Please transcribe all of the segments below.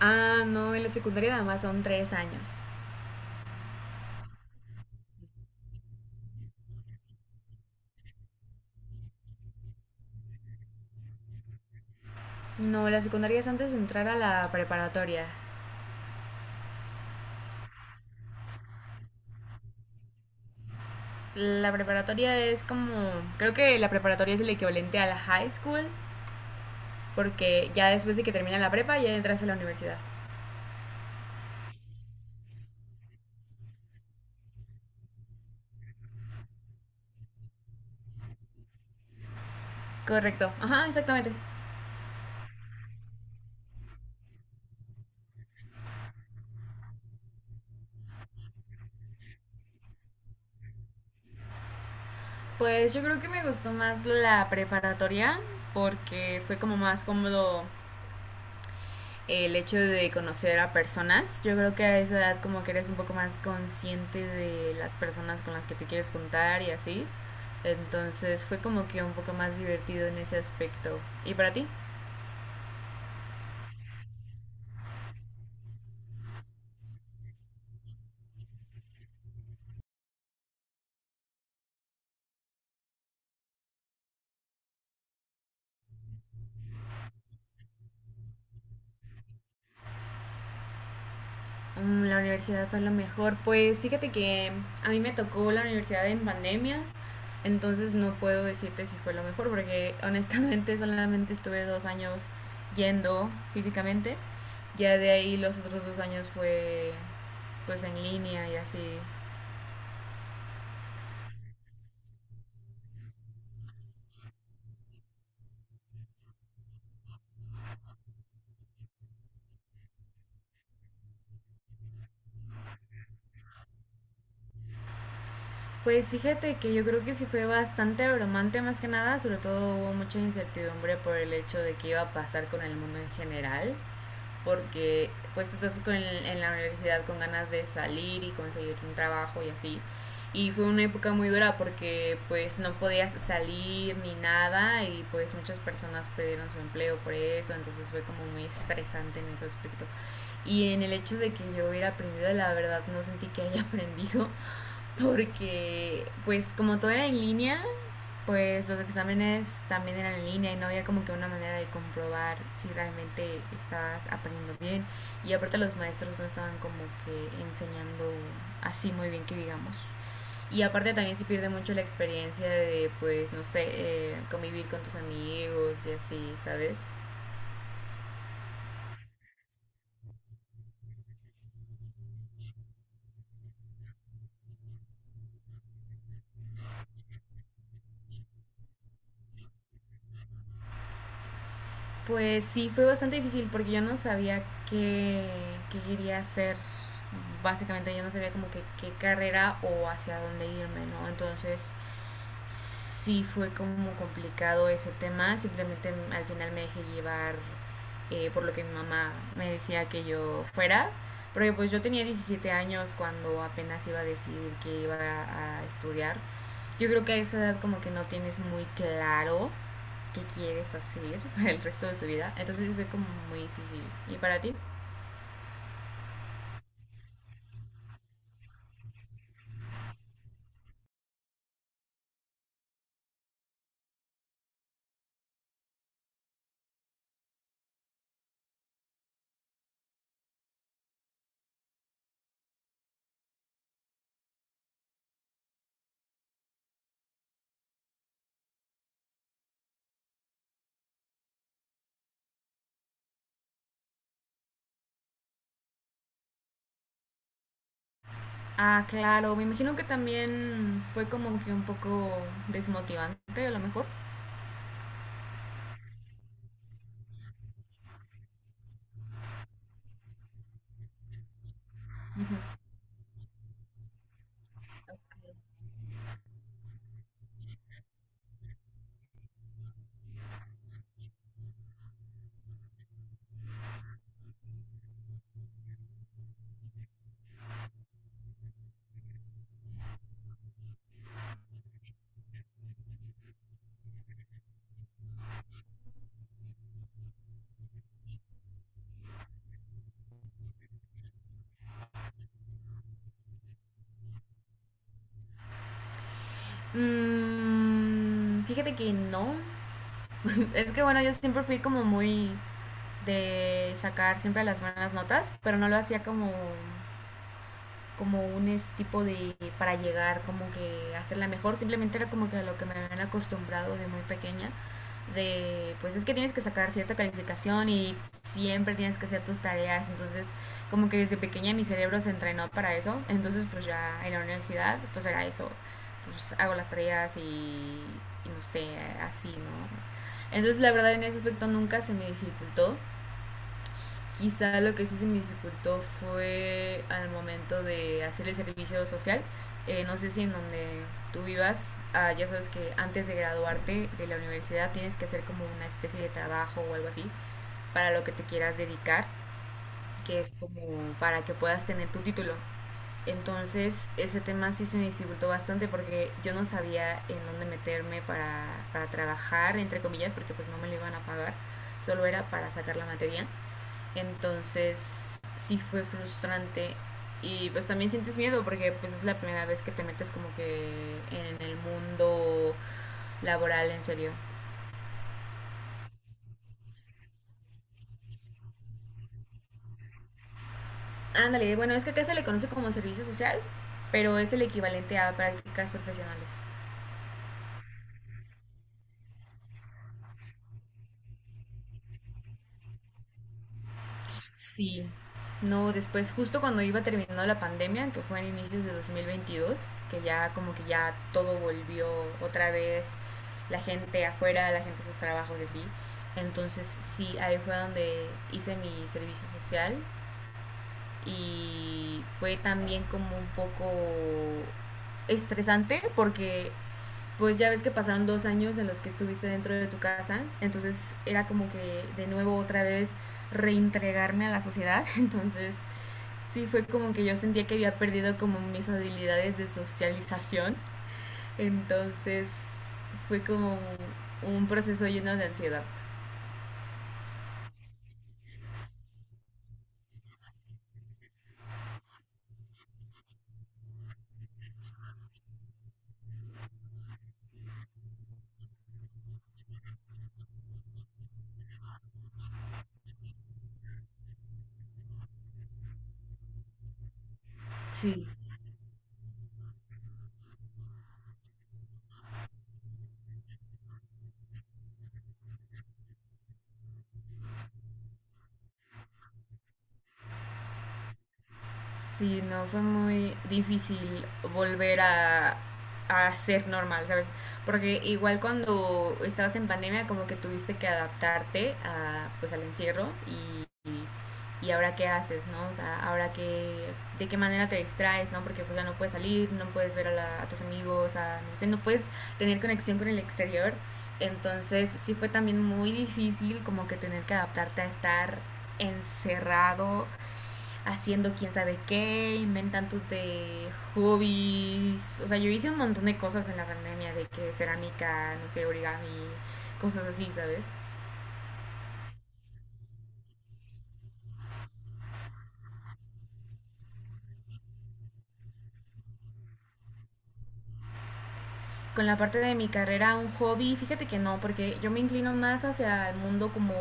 Ah, no, en la secundaria nada más son 3 años. No, la secundaria es antes de entrar a la preparatoria. La preparatoria es como... Creo que la preparatoria es el equivalente a la high school, porque ya después de que termina la prepa ya entras a la universidad. Correcto, ajá, exactamente. Pues yo creo que me gustó más la preparatoria porque fue como más cómodo el hecho de conocer a personas. Yo creo que a esa edad como que eres un poco más consciente de las personas con las que te quieres juntar y así. Entonces fue como que un poco más divertido en ese aspecto. ¿Y para ti? Mm, la universidad fue lo mejor. Pues fíjate que a mí me tocó la universidad en pandemia, entonces no puedo decirte si fue lo mejor, porque honestamente solamente estuve 2 años yendo físicamente. Ya de ahí los otros 2 años fue pues en línea y así. Pues fíjate que yo creo que sí fue bastante abrumante más que nada, sobre todo hubo mucha incertidumbre por el hecho de qué iba a pasar con el mundo en general porque pues tú estás con, en la universidad con ganas de salir y conseguir un trabajo y así. Y fue una época muy dura porque pues no podías salir ni nada y pues muchas personas perdieron su empleo por eso, entonces fue como muy estresante en ese aspecto. Y en el hecho de que yo hubiera aprendido, la verdad no sentí que haya aprendido porque pues como todo era en línea, pues los exámenes también eran en línea y no había como que una manera de comprobar si realmente estabas aprendiendo bien. Y aparte los maestros no estaban como que enseñando así muy bien que digamos. Y aparte también se pierde mucho la experiencia de, pues, no sé, convivir con tus amigos y así, ¿sabes? Pues sí, fue bastante difícil porque yo no sabía qué, qué quería hacer. Básicamente yo no sabía como que qué carrera o hacia dónde irme, ¿no? Entonces sí fue como complicado ese tema, simplemente al final me dejé llevar por lo que mi mamá me decía que yo fuera, porque pues yo tenía 17 años cuando apenas iba a decidir que iba a estudiar. Yo creo que a esa edad como que no tienes muy claro qué quieres hacer el resto de tu vida, entonces sí fue como muy difícil. ¿Y para ti? Ah, claro, me imagino que también fue como que un poco desmotivante a lo mejor. Mm, fíjate que no. Es que bueno, yo siempre fui como muy de sacar siempre las buenas notas, pero no lo hacía como como un tipo de para llegar, como que hacerla mejor, simplemente era como que a lo que me habían acostumbrado de muy pequeña, de pues es que tienes que sacar cierta calificación y siempre tienes que hacer tus tareas, entonces como que desde pequeña mi cerebro se entrenó para eso, entonces pues ya en la universidad pues era eso, pues hago las tareas y no sé, así, ¿no? Entonces la verdad en ese aspecto nunca se me dificultó. Quizá lo que sí se me dificultó fue al momento de hacer el servicio social. No sé si en donde tú vivas, ya sabes que antes de graduarte de la universidad tienes que hacer como una especie de trabajo o algo así para lo que te quieras dedicar, que es como para que puedas tener tu título. Entonces ese tema sí se me dificultó bastante porque yo no sabía en dónde meterme para trabajar, entre comillas, porque pues no me lo iban a pagar, solo era para sacar la materia. Entonces, sí fue frustrante y pues también sientes miedo porque pues es la primera vez que te metes como que en el mundo laboral en serio. Ándale, bueno, es que acá se le conoce como servicio social, pero es el equivalente a prácticas profesionales. Sí, no, después justo cuando iba terminando la pandemia, que fue en inicios de 2022 que ya como que ya todo volvió otra vez, la gente afuera, la gente a sus trabajos y así. Entonces sí, ahí fue donde hice mi servicio social y fue también como un poco estresante porque pues ya ves que pasaron 2 años en los que estuviste dentro de tu casa, entonces era como que de nuevo otra vez reintegrarme a la sociedad, entonces sí fue como que yo sentía que había perdido como mis habilidades de socialización, entonces fue como un proceso lleno de ansiedad. Sí, sí, no, fue muy difícil volver a ser normal, ¿sabes? Porque igual cuando estabas en pandemia como que tuviste que adaptarte a, pues, al encierro y ahora qué haces, ¿no? O sea, ahora qué, de qué manera te distraes, ¿no? Porque pues ya no puedes salir, no puedes ver a, a tus amigos, a, no sé, no puedes tener conexión con el exterior. Entonces sí fue también muy difícil como que tener que adaptarte a estar encerrado haciendo quién sabe qué, inventándote hobbies. O sea, yo hice un montón de cosas en la pandemia, de que cerámica, no sé, origami, cosas así, ¿sabes? Con la parte de mi carrera, un hobby, fíjate que no, porque yo me inclino más hacia el mundo como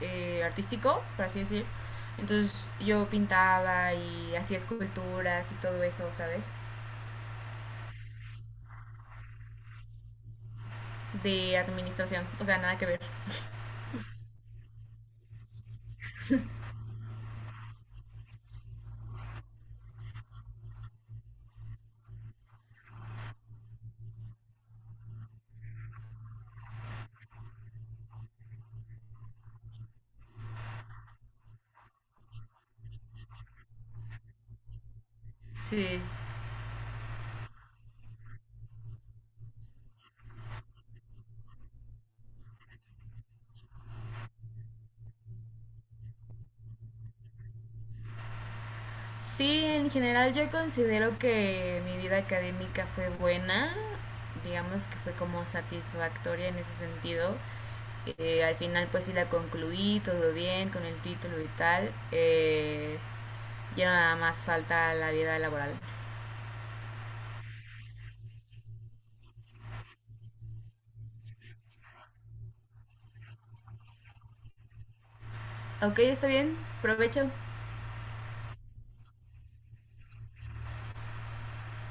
artístico, por así decir. Entonces yo pintaba y hacía esculturas y todo eso, ¿sabes? De administración, o sea, nada que ver. Sí, sí, en general yo considero que mi vida académica fue buena, digamos que fue como satisfactoria en ese sentido. Al final pues sí la concluí, todo bien con el título y tal. Ya nada más falta la vida laboral. Ok, está bien, provecho.